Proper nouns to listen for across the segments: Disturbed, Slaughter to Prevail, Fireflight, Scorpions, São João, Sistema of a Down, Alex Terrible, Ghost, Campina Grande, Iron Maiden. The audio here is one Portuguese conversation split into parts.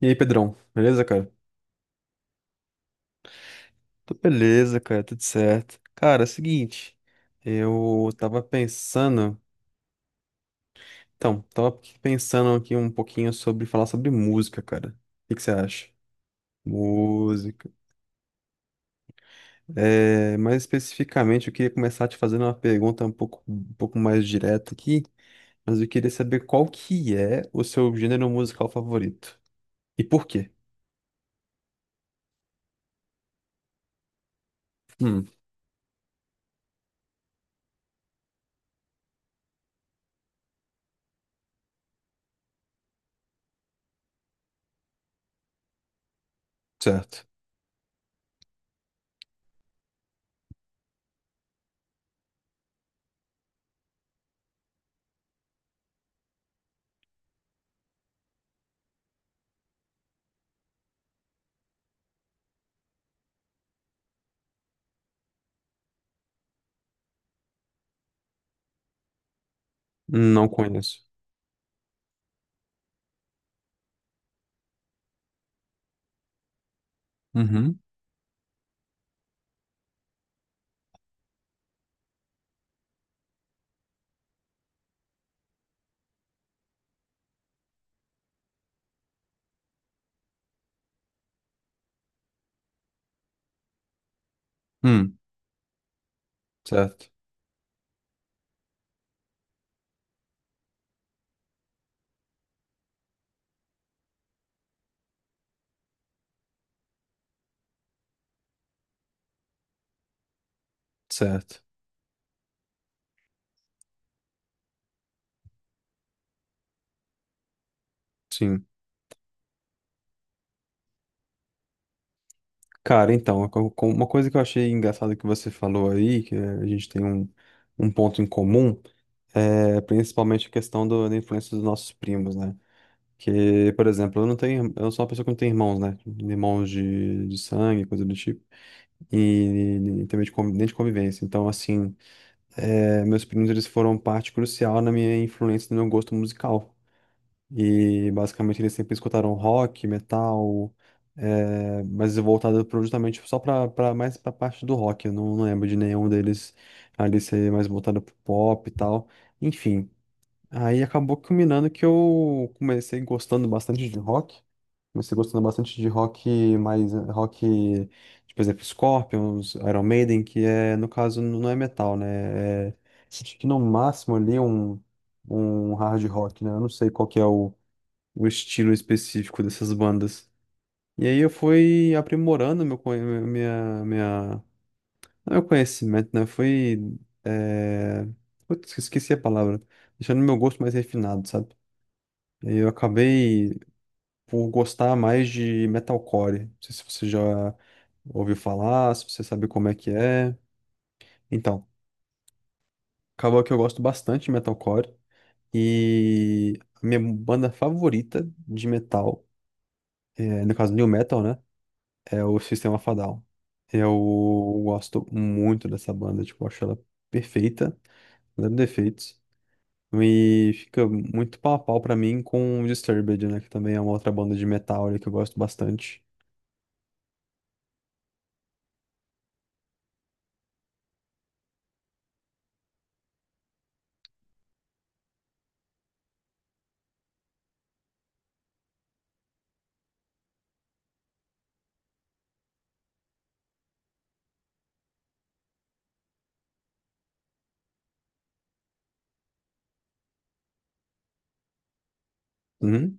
E aí, Pedrão, beleza, cara? Tô beleza, cara, tudo certo. Cara, é o seguinte, eu tava pensando. Então, tava aqui pensando aqui um pouquinho sobre falar sobre música, cara. O que que você acha? Música. É, mais especificamente, eu queria começar te fazendo uma pergunta um pouco mais direta aqui, mas eu queria saber qual que é o seu gênero musical favorito. E por quê? Hum, certo. Não conheço. Uhum. Hum, certo. Certo. Sim. Cara, então, uma coisa que eu achei engraçada que você falou aí, que a gente tem um ponto em comum, é principalmente a questão do- da influência dos nossos primos, né? Que, por exemplo, eu não tenho, eu sou uma pessoa que não tem irmãos, né? Irmãos de sangue, coisa do tipo, e também de, convi- nem de convivência. Então, assim, meus primos, eles foram parte crucial na minha influência, no meu gosto musical. E basicamente eles sempre escutaram rock, metal, mas voltado pro- justamente só pra, pra mais pra parte do rock. Eu não, não lembro de nenhum deles ali ser mais voltado pro pop e tal. Enfim, aí acabou culminando que eu comecei gostando bastante de rock. Comecei gostando bastante de rock mais rock, tipo, por exemplo, Scorpions, Iron Maiden, que é, no caso, n- não é metal, né? É, acho que no máximo ali um hard rock, né? Eu não sei qual que é o estilo específico dessas bandas. E aí eu fui aprimorando meu, conhe- minha, não, é meu conhecimento, né? Fui, é... Putz, esqueci a palavra. Deixando meu gosto mais refinado, sabe? E aí eu acabei por gostar mais de metalcore. Não sei se você já ouviu falar, se você sabe como é que é. Então, acabou que eu gosto bastante de metalcore. E a minha banda favorita de metal, é, no caso, new metal, né? É o Sistema of a Down. Eu gosto muito dessa banda, tipo, acho ela perfeita, zero defeitos. E fica muito pau a pau pra mim com o Disturbed, né? Que também é uma outra banda de metal ali que eu gosto bastante. Uhum,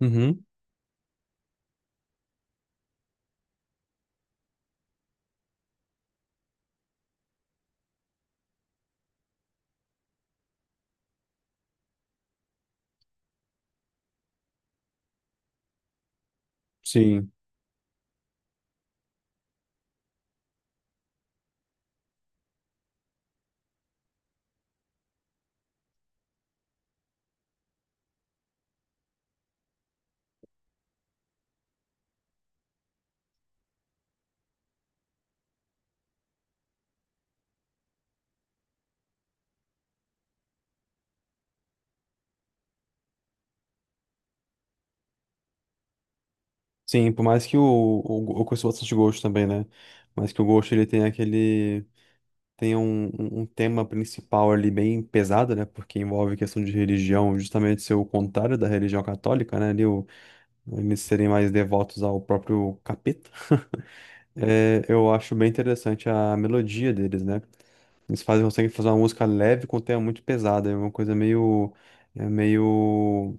uhum, sim. Sim, por mais que eu conheço bastante Ghost também, né? Mas que o Ghost ele tem aquele. Tem um tema principal ali bem pesado, né? Porque envolve questão de religião, justamente ser o contrário da religião católica, né? Ali, eles serem mais devotos ao próprio capeta. É, eu acho bem interessante a melodia deles, né? Eles fazem, conseguem fazer uma música leve com um tema muito pesada, é uma coisa meio,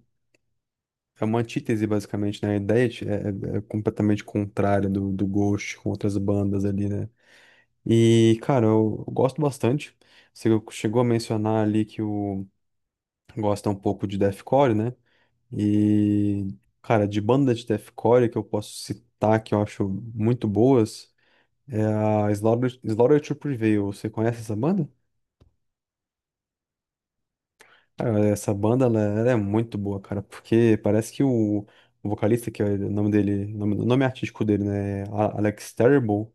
é uma antítese basicamente, né? A ideia de- é, é- É completamente contrária do, do Ghost com outras bandas ali, né? E, cara, eu gosto bastante. Você chegou a mencionar ali que o gosta um pouco de deathcore, né? E, cara, de banda de deathcore que eu posso citar, que eu acho muito boas, é a Slaughter, Slaughter to Prevail. Você conhece essa banda? Cara, essa banda, né, ela é muito boa, cara, porque parece que o vocalista, que é o nome dele, o nome artístico dele, né, A- Alex Terrible,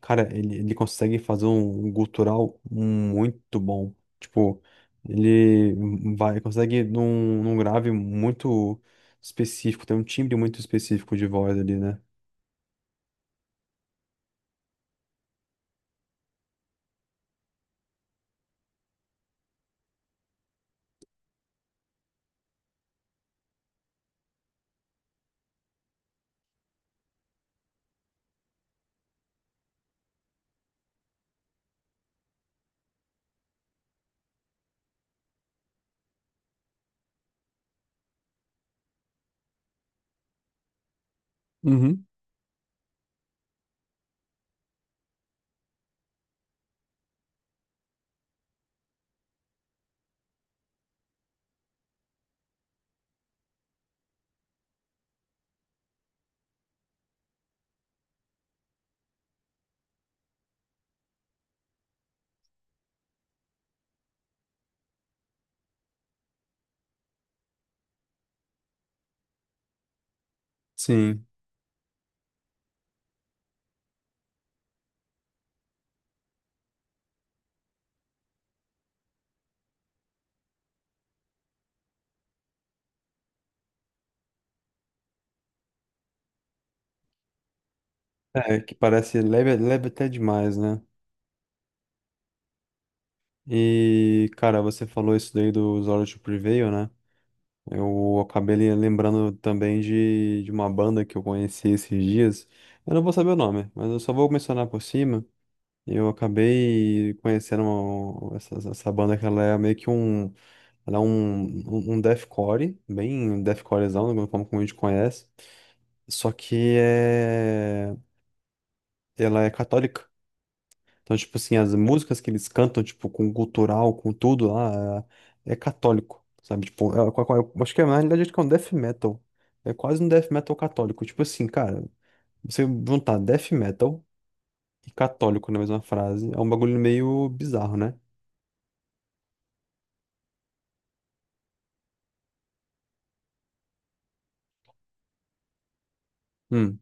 cara, ele consegue fazer um gutural muito bom. Tipo, ele vai, consegue num, num grave muito específico, tem um timbre muito específico de voz ali, né? Uhum. Sim. É, que parece leve, leve até demais, né? E, cara, você falou isso daí do Zora to Prevail, né? Eu acabei lembrando também de uma banda que eu conheci esses dias. Eu não vou saber o nome, mas eu só vou mencionar por cima. Eu acabei conhecendo essa banda que ela é meio que ela é um deathcore, bem deathcorezão, como como a gente conhece. Só que é, ela é católica. Então, tipo assim, as músicas que eles cantam, tipo, com gutural, com tudo lá, é, é católico, sabe? Tipo, eu acho que é, na realidade acho que é um death metal. É quase um death metal católico. Tipo assim, cara, você juntar death metal e católico na mesma frase é um bagulho meio bizarro, né? Hum,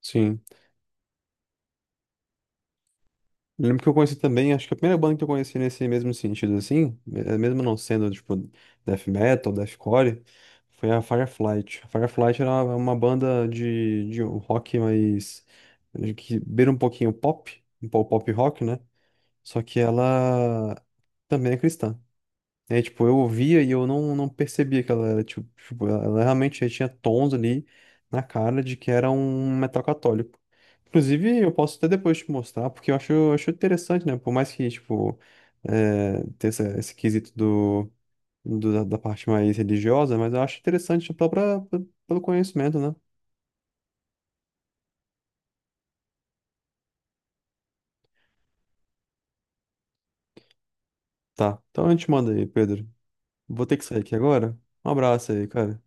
sim. Eu lembro que eu conheci também, acho que a primeira banda que eu conheci nesse mesmo sentido, assim, mesmo não sendo, tipo, death metal, deathcore, foi a Fireflight. A Fireflight era uma banda de um rock mais, que beira um pouquinho pop, um pouco pop rock, né? Só que ela também é cristã. É, tipo, eu ouvia e eu não, não percebia que ela era, tipo, tipo, ela realmente já tinha tons ali na cara de que era um metal católico. Inclusive, eu posso até depois te mostrar, porque eu acho interessante, né? Por mais que, tipo, é, ter essa- esse quesito do, do- da, da parte mais religiosa, mas eu acho interessante pela, pra- pe- pelo conhecimento, né? Tá, então a gente manda aí, Pedro. Vou ter que sair aqui agora. Um abraço aí, cara.